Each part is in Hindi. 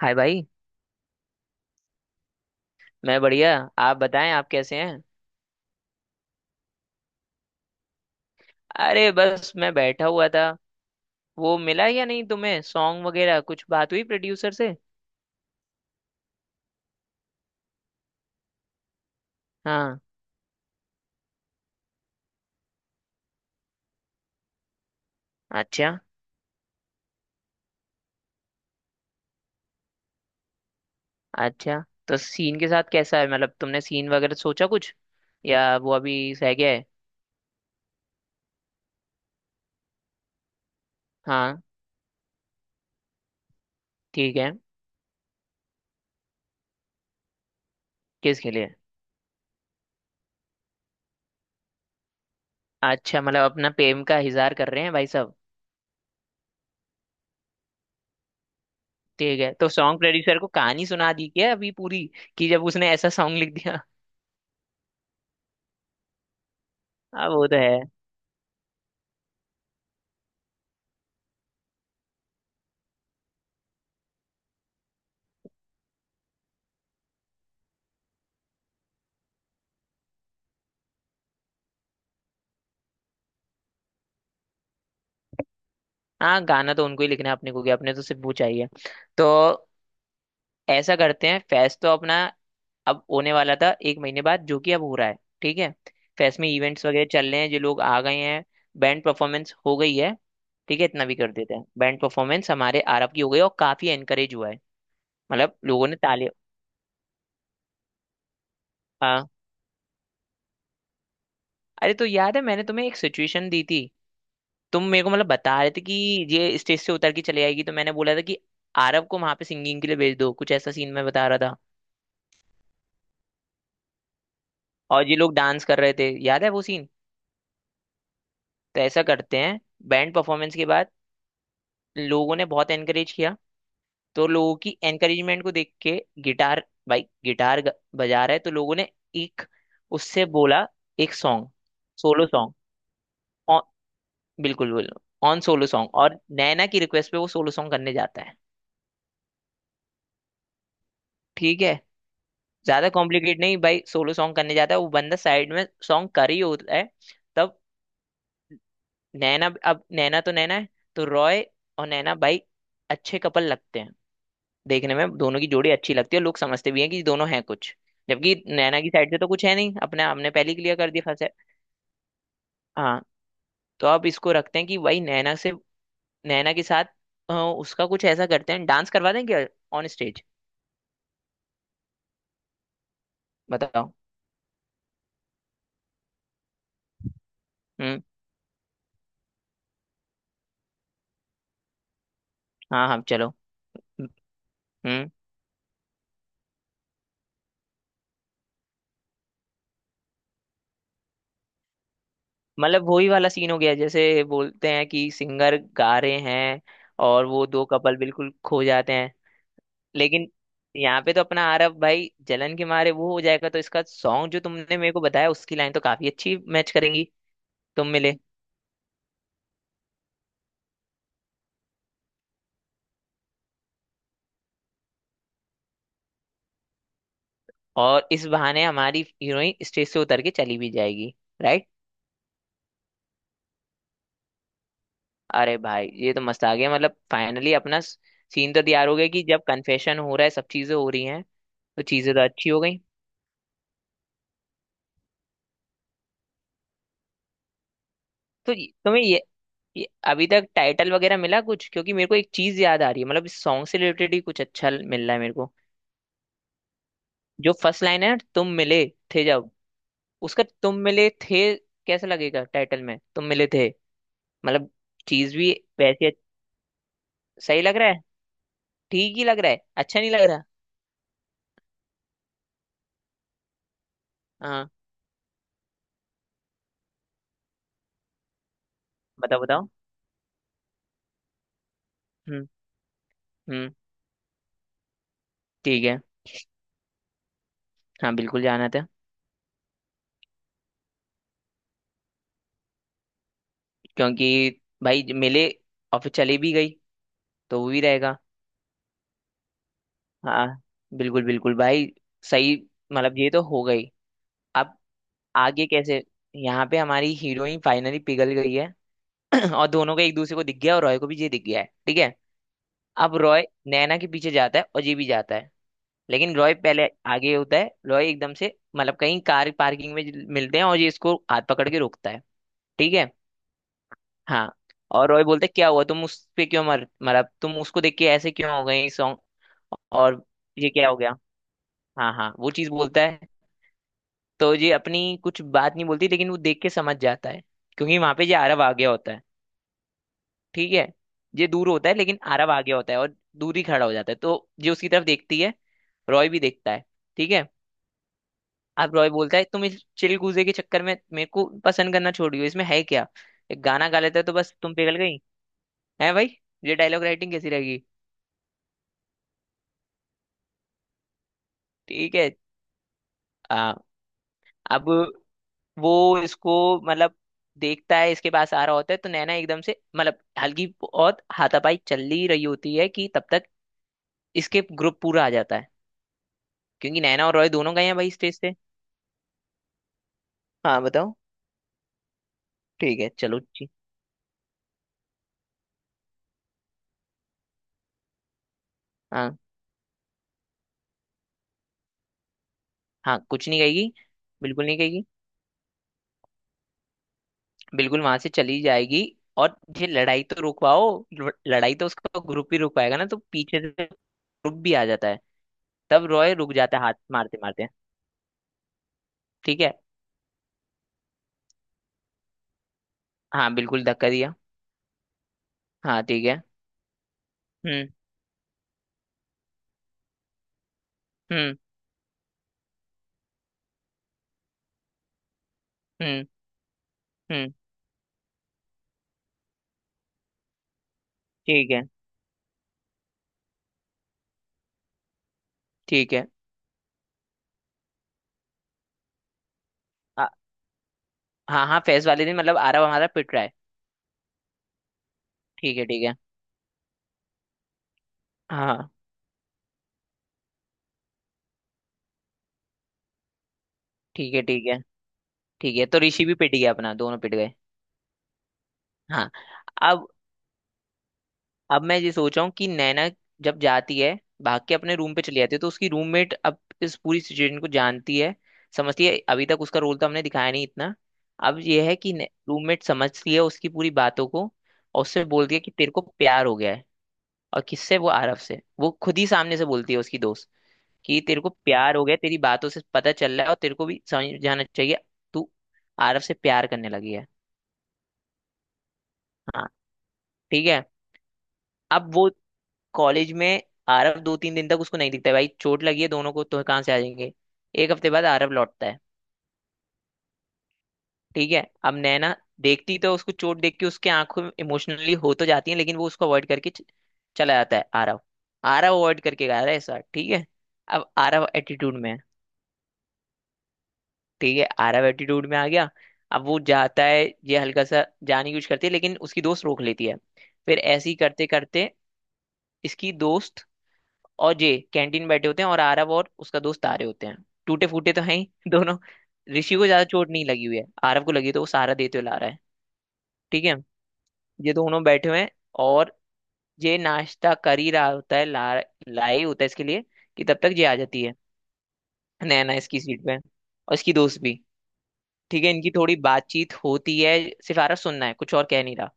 हाय भाई। मैं बढ़िया। आप बताएं आप कैसे हैं। अरे बस मैं बैठा हुआ था। वो मिला या नहीं तुम्हें सॉन्ग वगैरह कुछ बात हुई प्रोड्यूसर से। हाँ। अच्छा। अच्छा, तो सीन के साथ कैसा है मतलब तुमने सीन वगैरह सोचा कुछ या वो अभी सह गया है। हाँ। ठीक है। किसके लिए। अच्छा मतलब अपना प्रेम का इजहार कर रहे हैं भाई साहब। ठीक है, तो सॉन्ग प्रोड्यूसर को कहानी सुना दी क्या अभी पूरी कि जब उसने ऐसा सॉन्ग लिख दिया। अब वो तो है। हाँ, गाना तो उनको ही लिखना है अपने को क्या, अपने तो सिर्फ वो चाहिए। तो ऐसा करते हैं, फेस्ट तो अपना अब होने वाला था एक महीने बाद जो कि अब हो रहा है। ठीक है। फेस्ट में इवेंट्स वगैरह चल रहे हैं, जो लोग आ गए हैं, बैंड परफॉर्मेंस हो गई है। ठीक है, इतना भी कर देते हैं, बैंड परफॉर्मेंस हमारे आरब की हो गई और काफी एनकरेज हुआ है, मतलब लोगों ने ताली। हाँ। अरे, तो याद है मैंने तुम्हें एक सिचुएशन दी थी, तुम मेरे को मतलब बता रहे थे कि ये स्टेज से उतर के चले आएगी, तो मैंने बोला था कि आरब को वहां पे सिंगिंग के लिए भेज दो, कुछ ऐसा सीन मैं बता रहा था। और ये लोग डांस कर रहे थे, याद है वो सीन। तो ऐसा करते हैं, बैंड परफॉर्मेंस के बाद लोगों ने बहुत एनकरेज किया, तो लोगों की एनकरेजमेंट को देख के गिटार, भाई गिटार बजा रहा है तो लोगों ने एक उससे बोला एक सॉन्ग, सोलो सॉन्ग। ऑन, बिल्कुल बिल्कुल। ऑन सोलो सॉन्ग, और नैना की रिक्वेस्ट पे वो सोलो सॉन्ग करने जाता है। ठीक है, ज्यादा कॉम्प्लिकेट नहीं भाई, सोलो सॉन्ग करने जाता है, वो बंदा साइड में सॉन्ग कर ही होता है तब नैना, अब नैना तो नैना है, तो रॉय और नैना भाई अच्छे कपल लगते हैं, देखने में दोनों की जोड़ी अच्छी लगती है, लोग समझते भी हैं कि दोनों हैं कुछ, जबकि नैना की साइड से तो कुछ है नहीं, अपने हमने पहले ही क्लियर कर दिया फंसे। हाँ, तो अब इसको रखते हैं कि भाई नैना से, नैना के साथ उसका कुछ ऐसा करते हैं, डांस करवा दें क्या, ऑन स्टेज। बताओ। हम्म। हाँ हाँ चलो। हम्म। मतलब वही वाला सीन हो गया, जैसे बोलते हैं कि सिंगर गा रहे हैं और वो दो कपल बिल्कुल खो जाते हैं। लेकिन यहाँ पे तो अपना आरव भाई जलन के मारे वो हो जाएगा, तो इसका सॉन्ग जो तुमने मेरे को बताया उसकी लाइन तो काफी अच्छी मैच करेंगी। तुम मिले। और इस बहाने हमारी हीरोइन स्टेज से उतर के चली भी जाएगी। राइट। अरे भाई ये तो मस्त आ गया, मतलब फाइनली अपना सीन तो तैयार हो गया कि जब कन्फेशन हो रहा है, सब चीजें हो रही हैं। तो चीजें तो अच्छी हो गई। तो तुम्हें ये अभी तक टाइटल वगैरह मिला कुछ, क्योंकि मेरे को एक चीज याद आ रही है, मतलब इस सॉन्ग से रिलेटेड ही कुछ अच्छा मिल रहा है मेरे को। जो फर्स्ट लाइन है ना, तुम मिले थे जब, उसका तुम मिले थे, कैसे लगेगा टाइटल में, तुम मिले थे, मतलब चीज भी, वैसे सही लग रहा है, ठीक ही लग रहा है, अच्छा नहीं लग रहा। हाँ बताओ बताओ। हम्म। हम्म। ठीक है। हाँ बिल्कुल जाना था। क्योंकि भाई मिले और फिर चली भी गई, तो वो भी रहेगा। हाँ। बिल्कुल बिल्कुल भाई। सही। मतलब ये तो हो गई। अब आगे कैसे। यहाँ पे हमारी हीरोइन फाइनली पिघल गई है। और दोनों का एक दूसरे को दिख गया, और रॉय को भी ये दिख गया है। ठीक है। अब रॉय नैना के पीछे जाता है और ये भी जाता है, लेकिन रॉय पहले आगे होता है, रॉय एकदम से मतलब कहीं कार पार्किंग में मिलते हैं, और ये इसको हाथ पकड़ के रोकता है। ठीक है। हाँ। और रॉय बोलते क्या हुआ तुम उस पे क्यों मर मरा, तुम उसको देख के ऐसे क्यों हो गई सॉन्ग, और ये क्या हो गया। हाँ हाँ वो चीज बोलता है, तो ये अपनी कुछ बात नहीं बोलती लेकिन वो देख के समझ जाता है, क्योंकि वहां पे ये आरव आ गया होता है। ठीक है। ये दूर होता है लेकिन आरव आ गया होता है और दूर ही खड़ा हो जाता है, तो ये उसकी तरफ देखती है, रॉय भी देखता है। ठीक है। अब रॉय बोलता है तुम इस चिलगूजे के चक्कर में मेरे को पसंद करना छोड़ दियो, इसमें है क्या, एक गाना गा लेता तो बस तुम पिघल गई। है भाई, ये डायलॉग राइटिंग कैसी रहेगी। ठीक है। आ, अब वो इसको मतलब देखता है, इसके पास आ रहा होता है, तो नैना एकदम से मतलब हल्की बहुत हाथापाई चल ही रही होती है कि तब तक इसके ग्रुप पूरा आ जाता है, क्योंकि नैना और रॉय दोनों गए हैं भाई स्टेज से। हाँ बताओ। ठीक है चलो जी। हाँ। हाँ कुछ नहीं कहेगी। बिल्कुल नहीं। बिल्कुल वहां से चली जाएगी। और ये लड़ाई तो रुकवाओ। लड़ाई तो उसका ग्रुप ही रुक पाएगा ना, तो पीछे से ग्रुप भी आ जाता है, तब रॉय रुक जाता है हाथ मारते मारते। ठीक है। हाँ बिल्कुल धक्का दिया। हाँ ठीक है। हम्म। हम्म। हम्म। हम्म। ठीक है। ठीक है। आ- हाँ हाँ फेस्ट वाले दिन मतलब आरव हमारा पिट रहा है। ठीक है ठीक है। हाँ। ठीक है ठीक है। ठीक है, तो ऋषि भी पिट गया अपना, दोनों पिट गए। हाँ। अब अब मैं ये सोच रहा हूँ कि नैना जब जाती है, भाग के अपने रूम पे चली जाती है, तो उसकी रूममेट अब इस पूरी सिचुएशन को जानती है, समझती है, अभी तक उसका रोल तो हमने दिखाया नहीं इतना। अब ये है कि रूममेट समझती है उसकी पूरी बातों को, और उससे बोलती है कि तेरे को प्यार हो गया है, और किससे, वो आरव से, वो खुद ही सामने से बोलती है उसकी दोस्त, कि तेरे को प्यार हो गया है, तेरी बातों से पता चल रहा है और तेरे को भी समझ जाना चाहिए, तू आरव से प्यार करने लगी है। हाँ ठीक है। अब वो कॉलेज में, आरव दो तीन दिन तक उसको नहीं दिखता है, भाई चोट लगी है दोनों को तो कहाँ से आ जाएंगे, एक हफ्ते बाद आरव लौटता है। ठीक है, अब नैना देखती तो उसको चोट देख के उसके आंखों में इमोशनली हो तो जाती है, लेकिन वो उसको अवॉइड करके चला जाता है आरव, आरव अवॉइड करके गया रहा है सर। ठीक है। अब आरव एटीट्यूड में है। ठीक है, आरव एटीट्यूड में आ गया। अब वो जाता है, ये हल्का सा जाने की कोशिश करती है लेकिन उसकी दोस्त रोक लेती है, फिर ऐसे ही करते करते इसकी दोस्त और जे कैंटीन बैठे होते हैं, और आरव और उसका दोस्त आ रहे होते हैं, टूटे फूटे तो हैं ही दोनों। ऋषि को ज्यादा चोट नहीं लगी हुई है, आरव को लगी है तो वो सहारा देते हुए ला रहा है। ठीक है। ये दोनों बैठे हुए हैं, और ये नाश्ता कर ही रहा होता है, ला लाए ही होता है इसके लिए कि तब तक ये आ जाती है, नैना इसकी सीट पे और इसकी दोस्त भी। ठीक है, इनकी थोड़ी बातचीत होती है, सिर्फ आरव सुनना है, कुछ और कह नहीं रहा,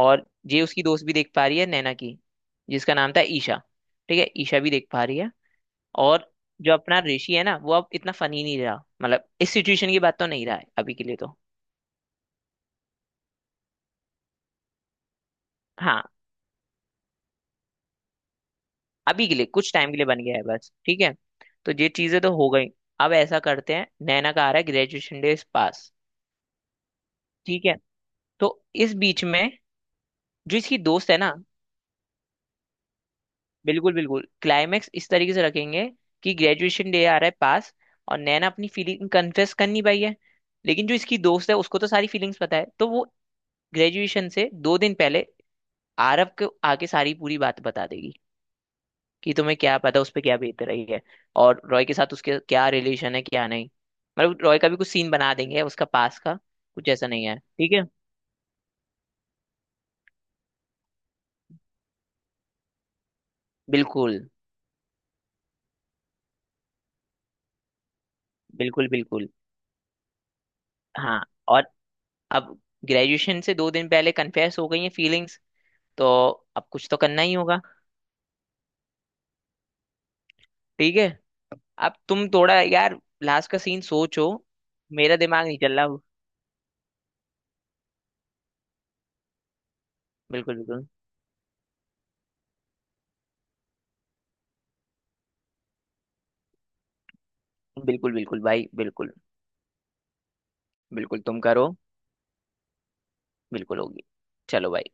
और ये उसकी दोस्त भी देख पा रही है नैना की, जिसका नाम था ईशा। ठीक है, ईशा भी देख पा रही है, और जो अपना ऋषि है ना वो अब इतना फनी नहीं रहा, मतलब इस सिचुएशन की बात तो नहीं रहा है अभी के लिए तो। हाँ अभी के लिए कुछ टाइम के लिए बन गया है बस। ठीक है, तो ये चीजें तो हो गई, अब ऐसा करते हैं, नैना का आ रहा है ग्रेजुएशन डे पास। ठीक है, तो इस बीच में जो इसकी दोस्त है ना, बिल्कुल बिल्कुल क्लाइमेक्स इस तरीके से रखेंगे कि ग्रेजुएशन डे आ रहा है पास, और नैना अपनी फीलिंग कन्फेस कर नहीं पाई है, लेकिन जो इसकी दोस्त है उसको तो सारी फीलिंग्स पता है, तो वो ग्रेजुएशन से 2 दिन पहले आरव को आके सारी पूरी बात बता देगी, कि तुम्हें क्या पता उस पर क्या बीत रही है, और रॉय के साथ उसके क्या रिलेशन है क्या नहीं, मतलब रॉय का भी कुछ सीन बना देंगे उसका पास का, कुछ ऐसा नहीं है। ठीक है। बिल्कुल बिल्कुल बिल्कुल। हाँ और अब ग्रेजुएशन से दो दिन पहले कन्फेस हो गई है फीलिंग्स, तो अब कुछ तो करना ही होगा। ठीक है, अब तुम थोड़ा यार लास्ट का सीन सोचो, मेरा दिमाग नहीं चल रहा। बिल्कुल बिल्कुल। बिल्कुल बिल्कुल भाई बिल्कुल। बिल्कुल तुम करो। बिल्कुल होगी। चलो भाई।